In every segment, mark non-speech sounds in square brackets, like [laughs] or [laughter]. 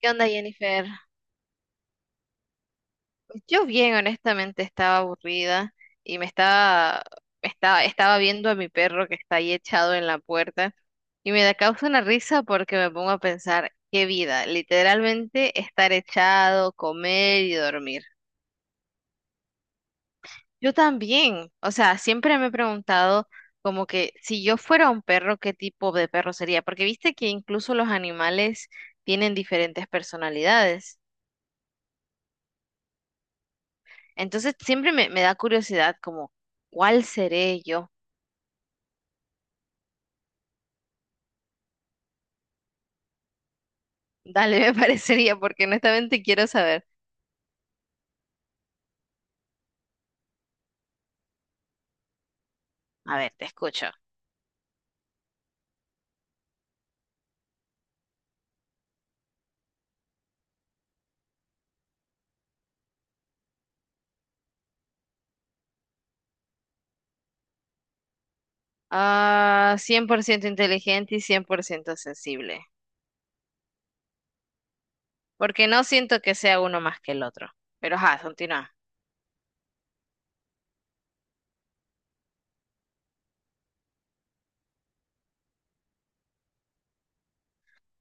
¿Qué onda, Jennifer? Pues yo bien, honestamente, estaba aburrida y estaba viendo a mi perro que está ahí echado en la puerta y me da causa una risa porque me pongo a pensar, qué vida, literalmente estar echado, comer y dormir. Yo también, o sea, siempre me he preguntado como que si yo fuera un perro, ¿qué tipo de perro sería? Porque viste que incluso los animales tienen diferentes personalidades. Entonces siempre me da curiosidad como, ¿cuál seré yo? Dale, me [laughs] parecería, porque honestamente quiero saber. A ver, te escucho. Ah, 100% inteligente y 100% sensible, porque no siento que sea uno más que el otro. Pero ajá, continúa.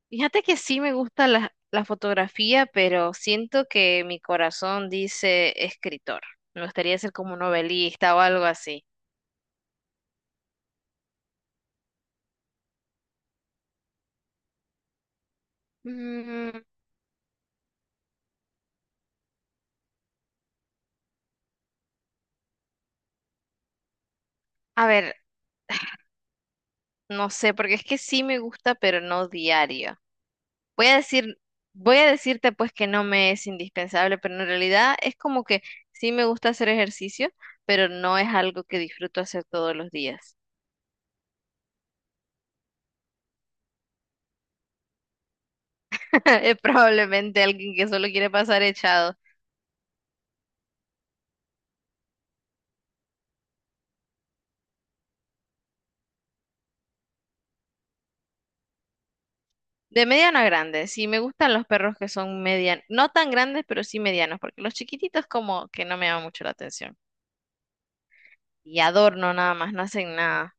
Fíjate que sí me gusta la fotografía, pero siento que mi corazón dice escritor. Me gustaría ser como un novelista o algo así. Mm, a ver, [sighs] no sé, porque es que sí me gusta, pero no diario. Voy a decir, voy a decirte pues que no me es indispensable, pero en realidad es como que sí me gusta hacer ejercicio, pero no es algo que disfruto hacer todos los días. [laughs] Es probablemente alguien que solo quiere pasar echado. De mediano a grande, sí me gustan los perros que son medianos, no tan grandes, pero sí medianos, porque los chiquititos como que no me llaman mucho la atención. Y adorno nada más, no hacen nada.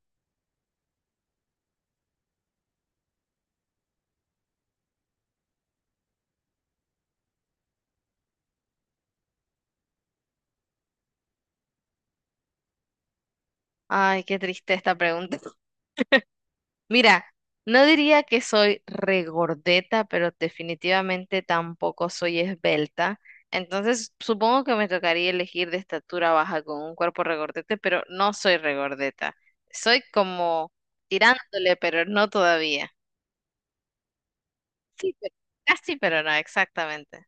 Ay, qué triste esta pregunta. Mira, no diría que soy regordeta, pero definitivamente tampoco soy esbelta. Entonces, supongo que me tocaría elegir de estatura baja con un cuerpo regordete, pero no soy regordeta. Soy como tirándole, pero no todavía. Sí, pero casi, pero no, exactamente.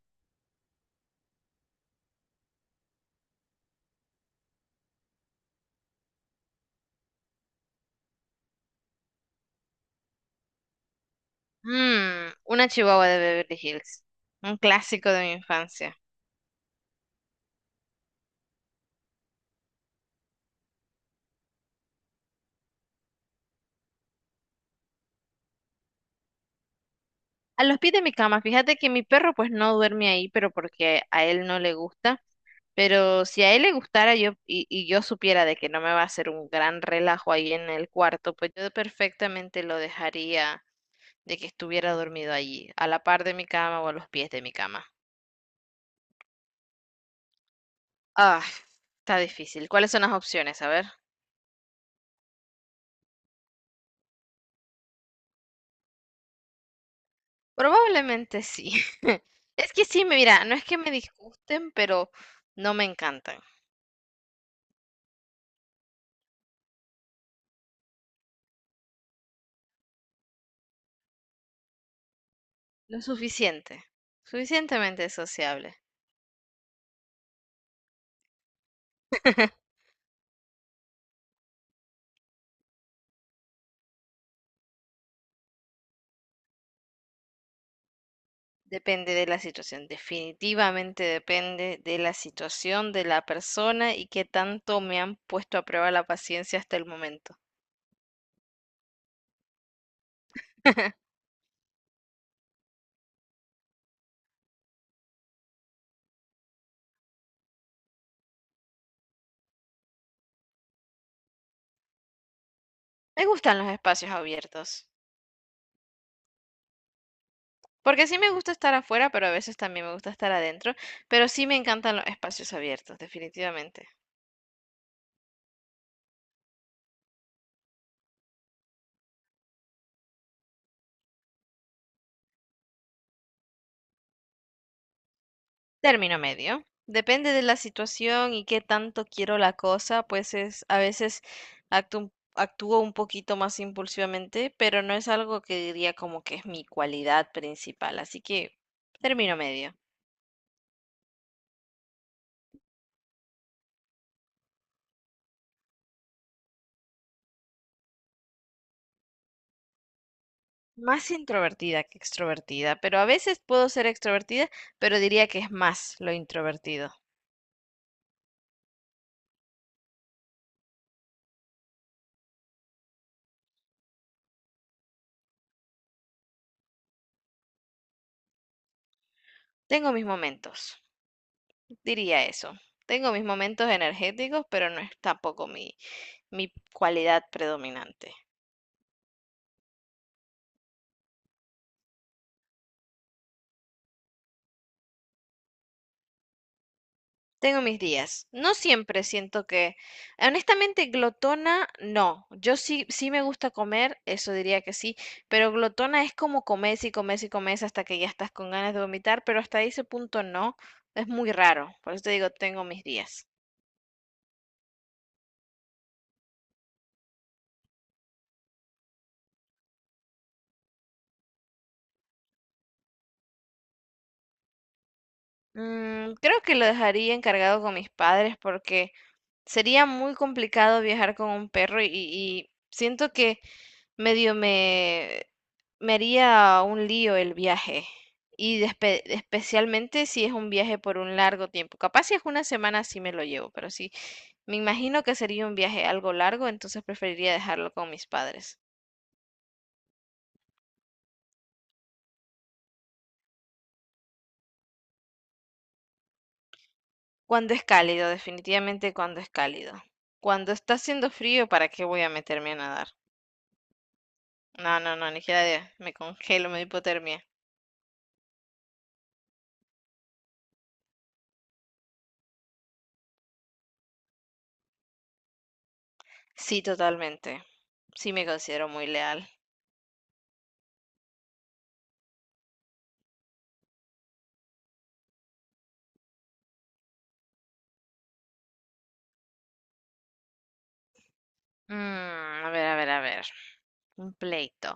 Una chihuahua de Beverly Hills, un clásico de mi infancia. A los pies de mi cama, fíjate que mi perro pues no duerme ahí, pero porque a él no le gusta. Pero si a él le gustara yo y yo supiera de que no me va a hacer un gran relajo ahí en el cuarto, pues yo perfectamente lo dejaría de que estuviera dormido allí, a la par de mi cama o a los pies de mi cama. Ah, está difícil. ¿Cuáles son las opciones? A ver. Probablemente sí. [laughs] Es que sí, mira, no es que me disgusten, pero no me encantan. Lo suficiente. Suficientemente sociable. [laughs] Depende de la situación, definitivamente depende de la situación de la persona y qué tanto me han puesto a prueba la paciencia hasta el momento. [laughs] Me gustan los espacios abiertos, porque sí me gusta estar afuera, pero a veces también me gusta estar adentro, pero sí me encantan los espacios abiertos, definitivamente. Término medio. Depende de la situación y qué tanto quiero la cosa, pues es a veces actúo un poquito más impulsivamente, pero no es algo que diría como que es mi cualidad principal, así que término medio. Más introvertida que extrovertida, pero a veces puedo ser extrovertida, pero diría que es más lo introvertido. Tengo mis momentos, diría eso. Tengo mis momentos energéticos, pero no es tampoco mi cualidad predominante. Tengo mis días. No siempre siento que, honestamente, glotona, no. Yo sí, sí me gusta comer, eso diría que sí, pero glotona es como comes y comes y comes hasta que ya estás con ganas de vomitar, pero hasta ese punto no. Es muy raro. Por eso te digo, tengo mis días. Creo que lo dejaría encargado con mis padres porque sería muy complicado viajar con un perro y siento que medio me haría un lío el viaje. Y especialmente si es un viaje por un largo tiempo. Capaz si es una semana sí me lo llevo, pero sí, me imagino que sería un viaje algo largo, entonces preferiría dejarlo con mis padres. Cuando es cálido, definitivamente cuando es cálido. Cuando está haciendo frío, ¿para qué voy a meterme a nadar? No, no, no, ni siquiera me congelo, me doy hipotermia. Sí, totalmente. Sí me considero muy leal. Mm, a ver, a ver, a ver. Un pleito.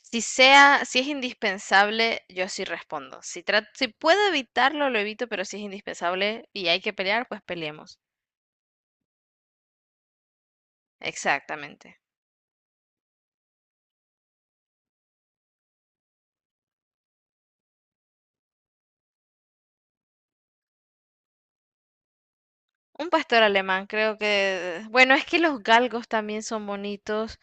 Si es indispensable, yo sí respondo. Si puedo evitarlo, lo evito, pero si es indispensable y hay que pelear, pues peleemos. Exactamente. Un pastor alemán, creo que, bueno, es que los galgos también son bonitos,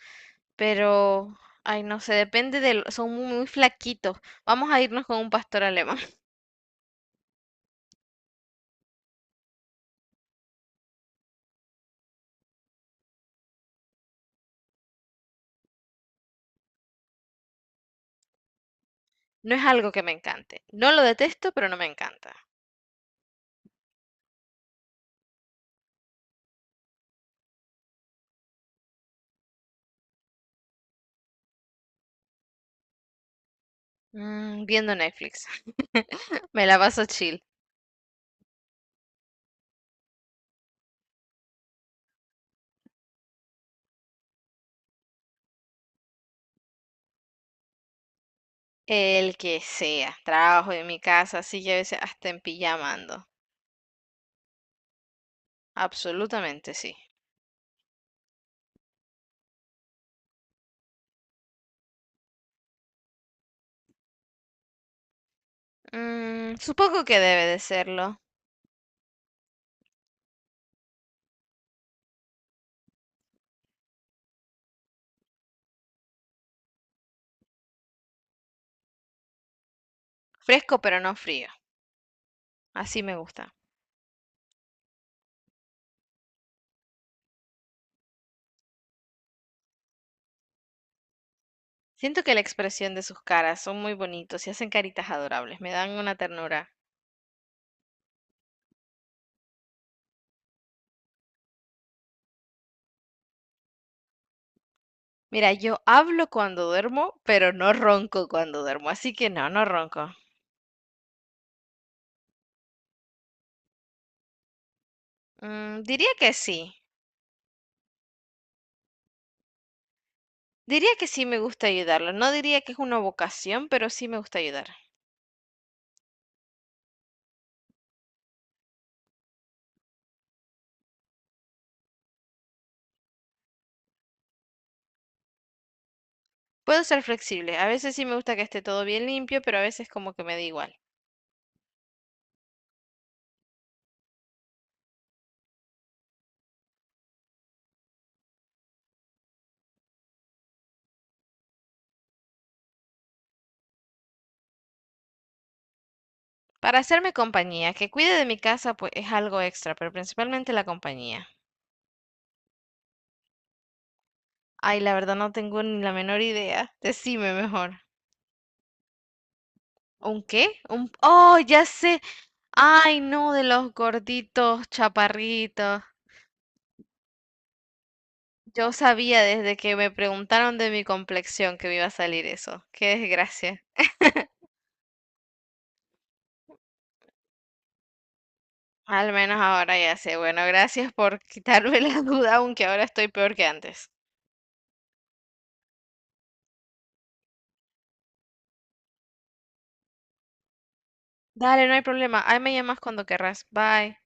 pero, ay, no sé, depende de, son muy, muy flaquitos. Vamos a irnos con un pastor alemán. [laughs] No es algo que me encante. No lo detesto, pero no me encanta. Viendo Netflix. Me la paso chill. El que sea. Trabajo en mi casa, así que a veces hasta en pijama ando. Absolutamente sí. Supongo que debe de serlo. Fresco pero no frío. Así me gusta. Siento que la expresión de sus caras son muy bonitos y hacen caritas adorables. Me dan una ternura. Mira, yo hablo cuando duermo, pero no ronco cuando duermo. Así que no, no ronco. Diría que sí. Diría que sí me gusta ayudarlo. No diría que es una vocación, pero sí me gusta ayudar. Puedo ser flexible, a veces sí me gusta que esté todo bien limpio, pero a veces como que me da igual. Para hacerme compañía, que cuide de mi casa, pues es algo extra, pero principalmente la compañía. Ay, la verdad no tengo ni la menor idea. Decime mejor. ¿Un qué? Un... Oh, ya sé. Ay, no, de los gorditos, chaparritos. Yo sabía desde que me preguntaron de mi complexión que me iba a salir eso. Qué desgracia. Al menos ahora ya sé. Bueno, gracias por quitarme [laughs] la duda, aunque ahora estoy peor que antes. Dale, no hay problema. Ahí me llamas cuando querrás. Bye.